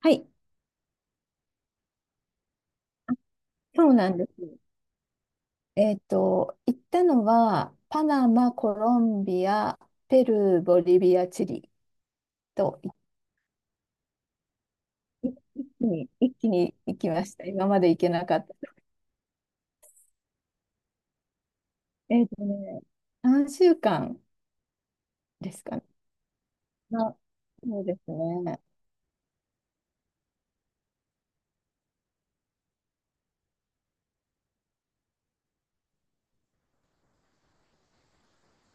はい、そうなんです。行ったのは、パナマ、コロンビア、ペルー、ボリビア、チリと、いい一気に、一気に行きました。今まで行けなかった。えっとね、3週間ですかね。あ、そうですね。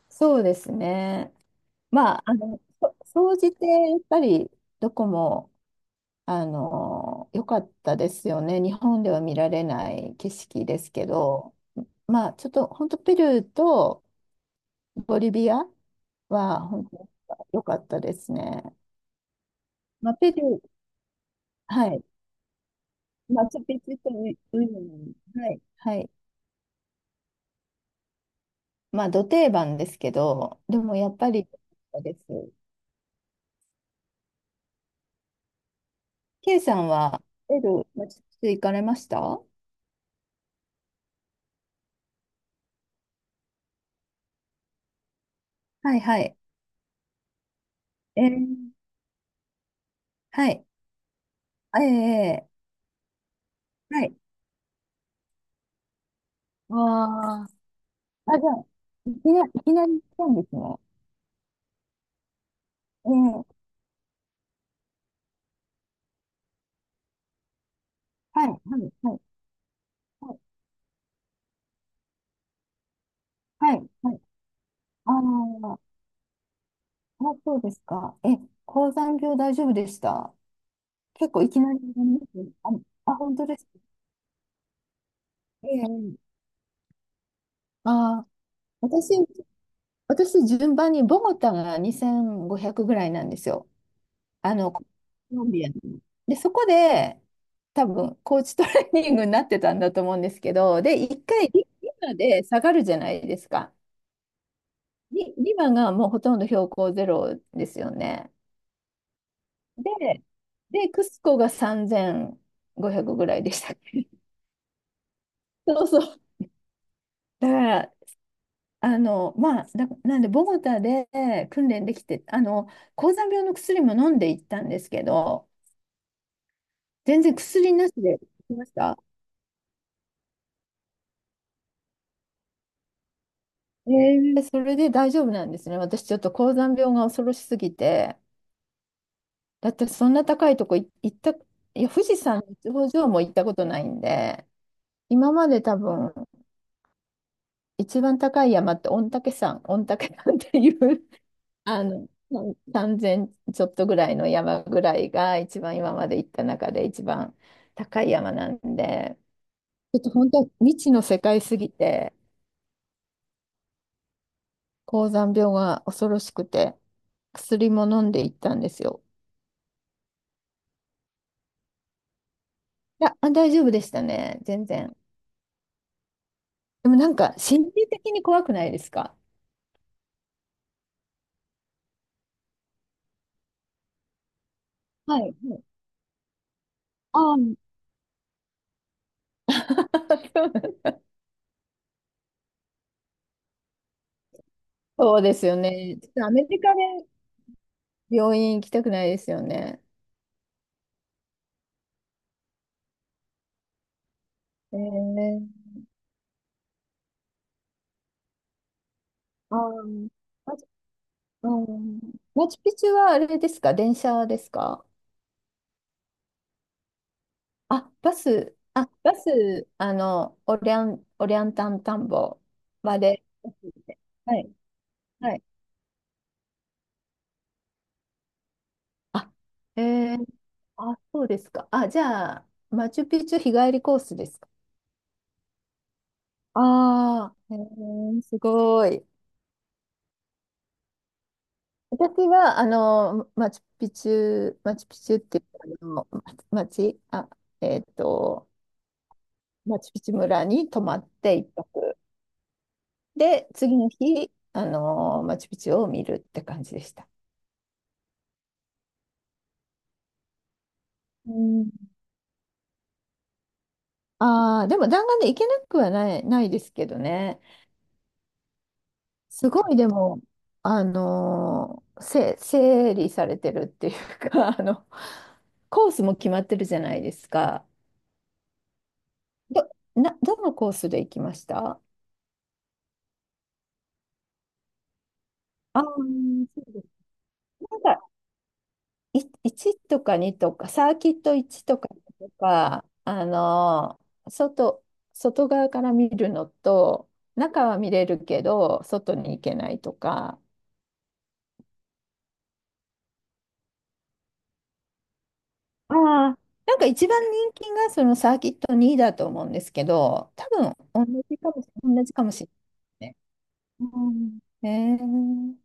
そうですね。まあ、総じて、やっぱり、どこも、良かったですよね。日本では見られない景色ですけど。まあ、ちょっと本当ペルーとボリビアは本当に良かったですね。まあ、ペルー、はい。マチュピチュとウイニョン、はい。はい。まあ、ど定番ですけど、でもやっぱり、です。K さんは、ペルー、マチュピチュ行かれました？はいはい。えー、はい。ええええ、はい。ああ、あ、じゃあ、いきなり行ったんですね。ええ、はい、はい、はい、はい、はい。はい、ああ、あ、そうですか。え、高山病大丈夫でした？結構いきなりなります。あ、あ、本当ですか。ええ。あ、私、私、順番にボゴタが2500ぐらいなんですよ。コロンビアので、そこで、多分、コーチトレーニングになってたんだと思うんですけど、で、一回リマで下がるじゃないですか。リマがもうほとんど標高ゼロですよね。で、クスコが3500ぐらいでしたっけ？そうそう。だから、なんで、ボゴタで訓練できて、高山病の薬も飲んでいったんですけど、全然薬なしで来ました。それで大丈夫なんですね。私、ちょっと高山病が恐ろしすぎて、だってそんな高いとこ行った、いや、富士山の頂上も行ったことないんで、今まで多分、一番高い山って御嶽山っていううん、3000ちょっとぐらいの山ぐらいが一番今まで行った中で一番高い山なんで、ちょっと本当未知の世界すぎて、高山病が恐ろしくて、薬も飲んで行ったんですよ。いや、あ、大丈夫でしたね、全然。でもなんか心理的に怖くないですか？はい。ああ、そうなんそうですよね。ちょっとアメリカで病院行きたくないですよね。えーああ、うん。マチュピチュはあれですか？電車ですか？あ、バス、オリアンタン田んぼまで。はい、はい。あ、えー、あ、そうですか。あ、じゃあ、マチュピチュ日帰りコースですか？ああ、すごい。私は、マチュピチュ、マチュピチュっていうか、あの、ま町、あ、えっと、マチュピチュ村に泊まって一泊。で、次の日、マチュピチュを見るって感じでした。うん。ああ、でも弾丸で行けなくはないですけどね。すごいでも、あのーせ、整理されてるっていうか、コースも決まってるじゃないですか。ど、どのコースで行きました？ああー、そうです。い1とか2とか、サーキット1とかにとか、外、外側から見るのと、中は見れるけど、外に行けないとか、ああ、なんか一番人気がそのサーキット2だと思うんですけど、多分同じかもしれないね。うん。へー、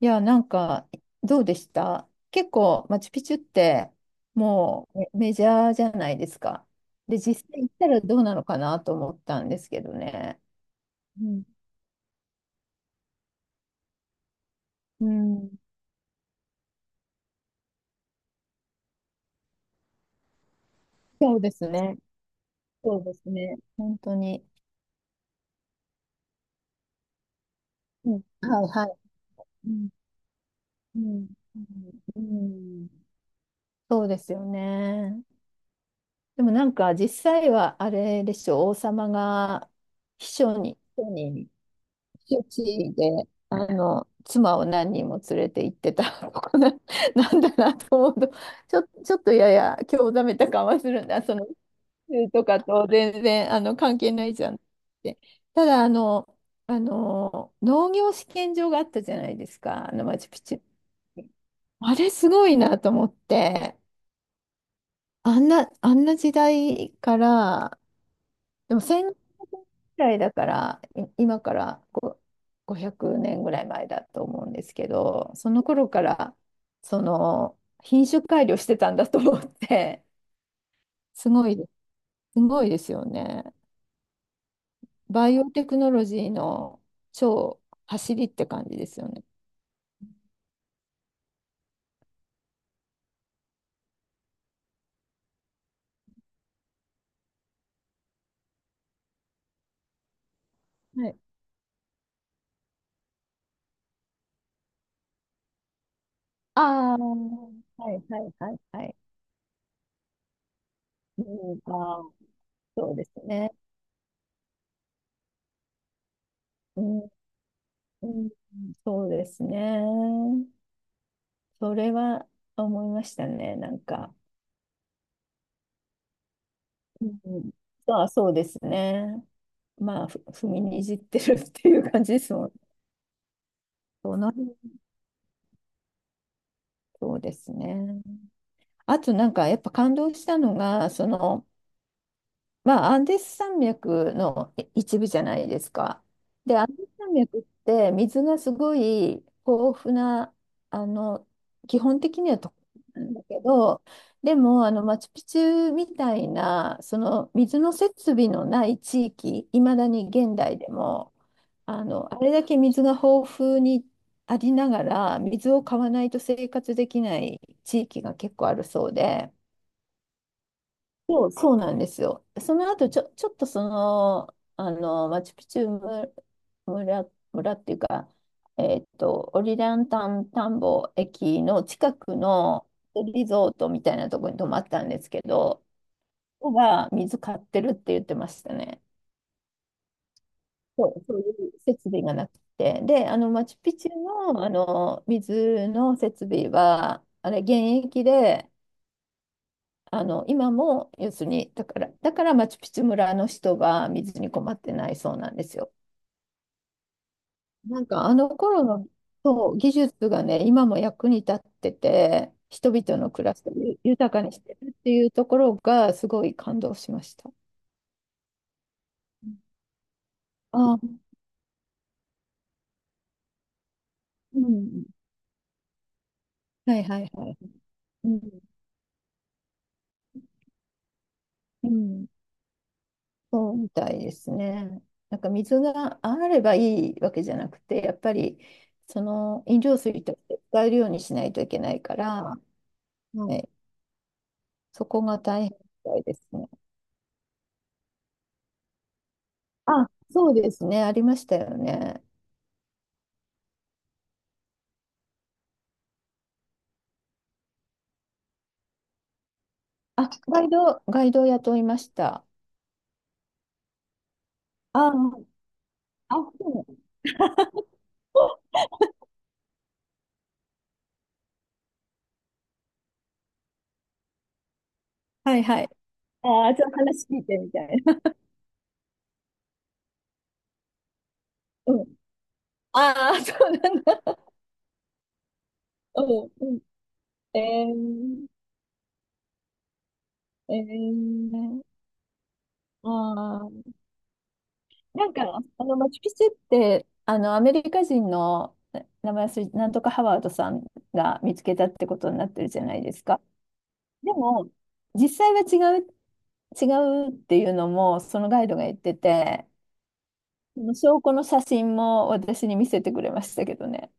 いや、なんか、どうでした？結構、マチュピチュって、もうメジャーじゃないですか。で、実際行ったらどうなのかなと思ったんですけどね。うん、うん、そうですね。そうですね。本当に。うん、はいはい。うん、うん、うん、そうですよね。でもなんか、実際はあれでしょ、王様が秘書に避暑地で、妻を何人も連れて行ってた とこな、なんだなと思うと、ちょっとやや興ざめた感はするんだ。その、宇宙とかと全然、関係ないじゃんって。ただ、農業試験場があったじゃないですか、マチュピチュに。あれすごいなと思って、あんな時代から、でも1 0ぐらいだから、今からこう500年ぐらい前だと思うんですけど、その頃からその品種改良してたんだと思って、すごい、すごいですよね。バイオテクノロジーの超走りって感じですよね。はい。ああ、はいはいはいはい。うん、まあー、そうですね。うん、うん、そうですね。それは思いましたね、なんか。うん、あ、そうですね。まあ、踏みにじってるっていう感じですもん。そのそうですね。あとなんかやっぱ感動したのが、まあ、アンデス山脈の一部じゃないですか。で、アンデス山脈って水がすごい豊富な、あの、基本的にはとなんだけど、でも、マチュピチュみたいな、その水の設備のない地域、いまだに現代でも、あれだけ水が豊富にありながら、水を買わないと生活できない地域が結構あるそうで。そう、そうなんですよ。その後、ちょっとマチュピチュ村っていうか、オリランタン田んぼ駅の近くのリゾートみたいなところに泊まったんですけど、ここが水買ってるって言ってましたね。そう、そういう設備がなくて。で、マチュピチュの、水の設備は、あれ、現役で、今も、要するに、だからマチュピチュ村の人は水に困ってないそうなんですよ。なんかあの頃の、そう技術がね、今も役に立ってて、人々の暮らしを豊かにしてるっていうところがすごい感動しました。あ、うん。はいはいはい。うん。うん。そうみたいですね。なんか水があればいいわけじゃなくて、やっぱりその飲料水として使えるようにしないといけないから、はい、そこが大変みたいですね。あ、そうですね。ありましたよね。あ、ガイドを雇いました。ああ、あ、そうなの？はいはい。ああ、ちょっと話聞いてみたいな。うん。ああ、そうなんだ。うんうん。えー、えー、ああ、なんか、マチュピチュって、アメリカ人の名前忘れ、なんとかハワードさんが見つけたってことになってるじゃないですか。でも、実際は違うっていうのもそのガイドが言ってて、その証拠の写真も私に見せてくれましたけどね。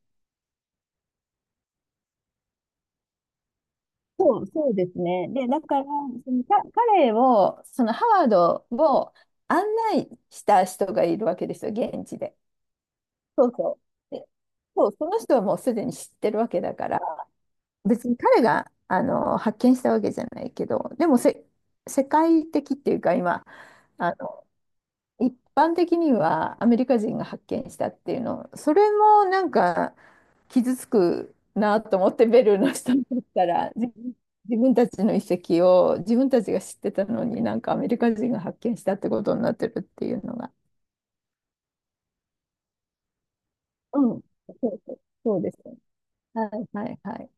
そうですね。で、だから、そのか彼を、そのハワードを案内した人がいるわけですよ、現地で。そうそう。で、そう、その人はもうすでに知ってるわけだから、別に彼があの発見したわけじゃないけど、でも世界的っていうか、今、あの一般的にはアメリカ人が発見したっていうの、それもなんか傷つくなと思ってベルの人にとったら自分たちの遺跡を自分たちが知ってたのになんかアメリカ人が発見したってことになってるっていうのが。うん。そうそうそうですね。はいはいはい。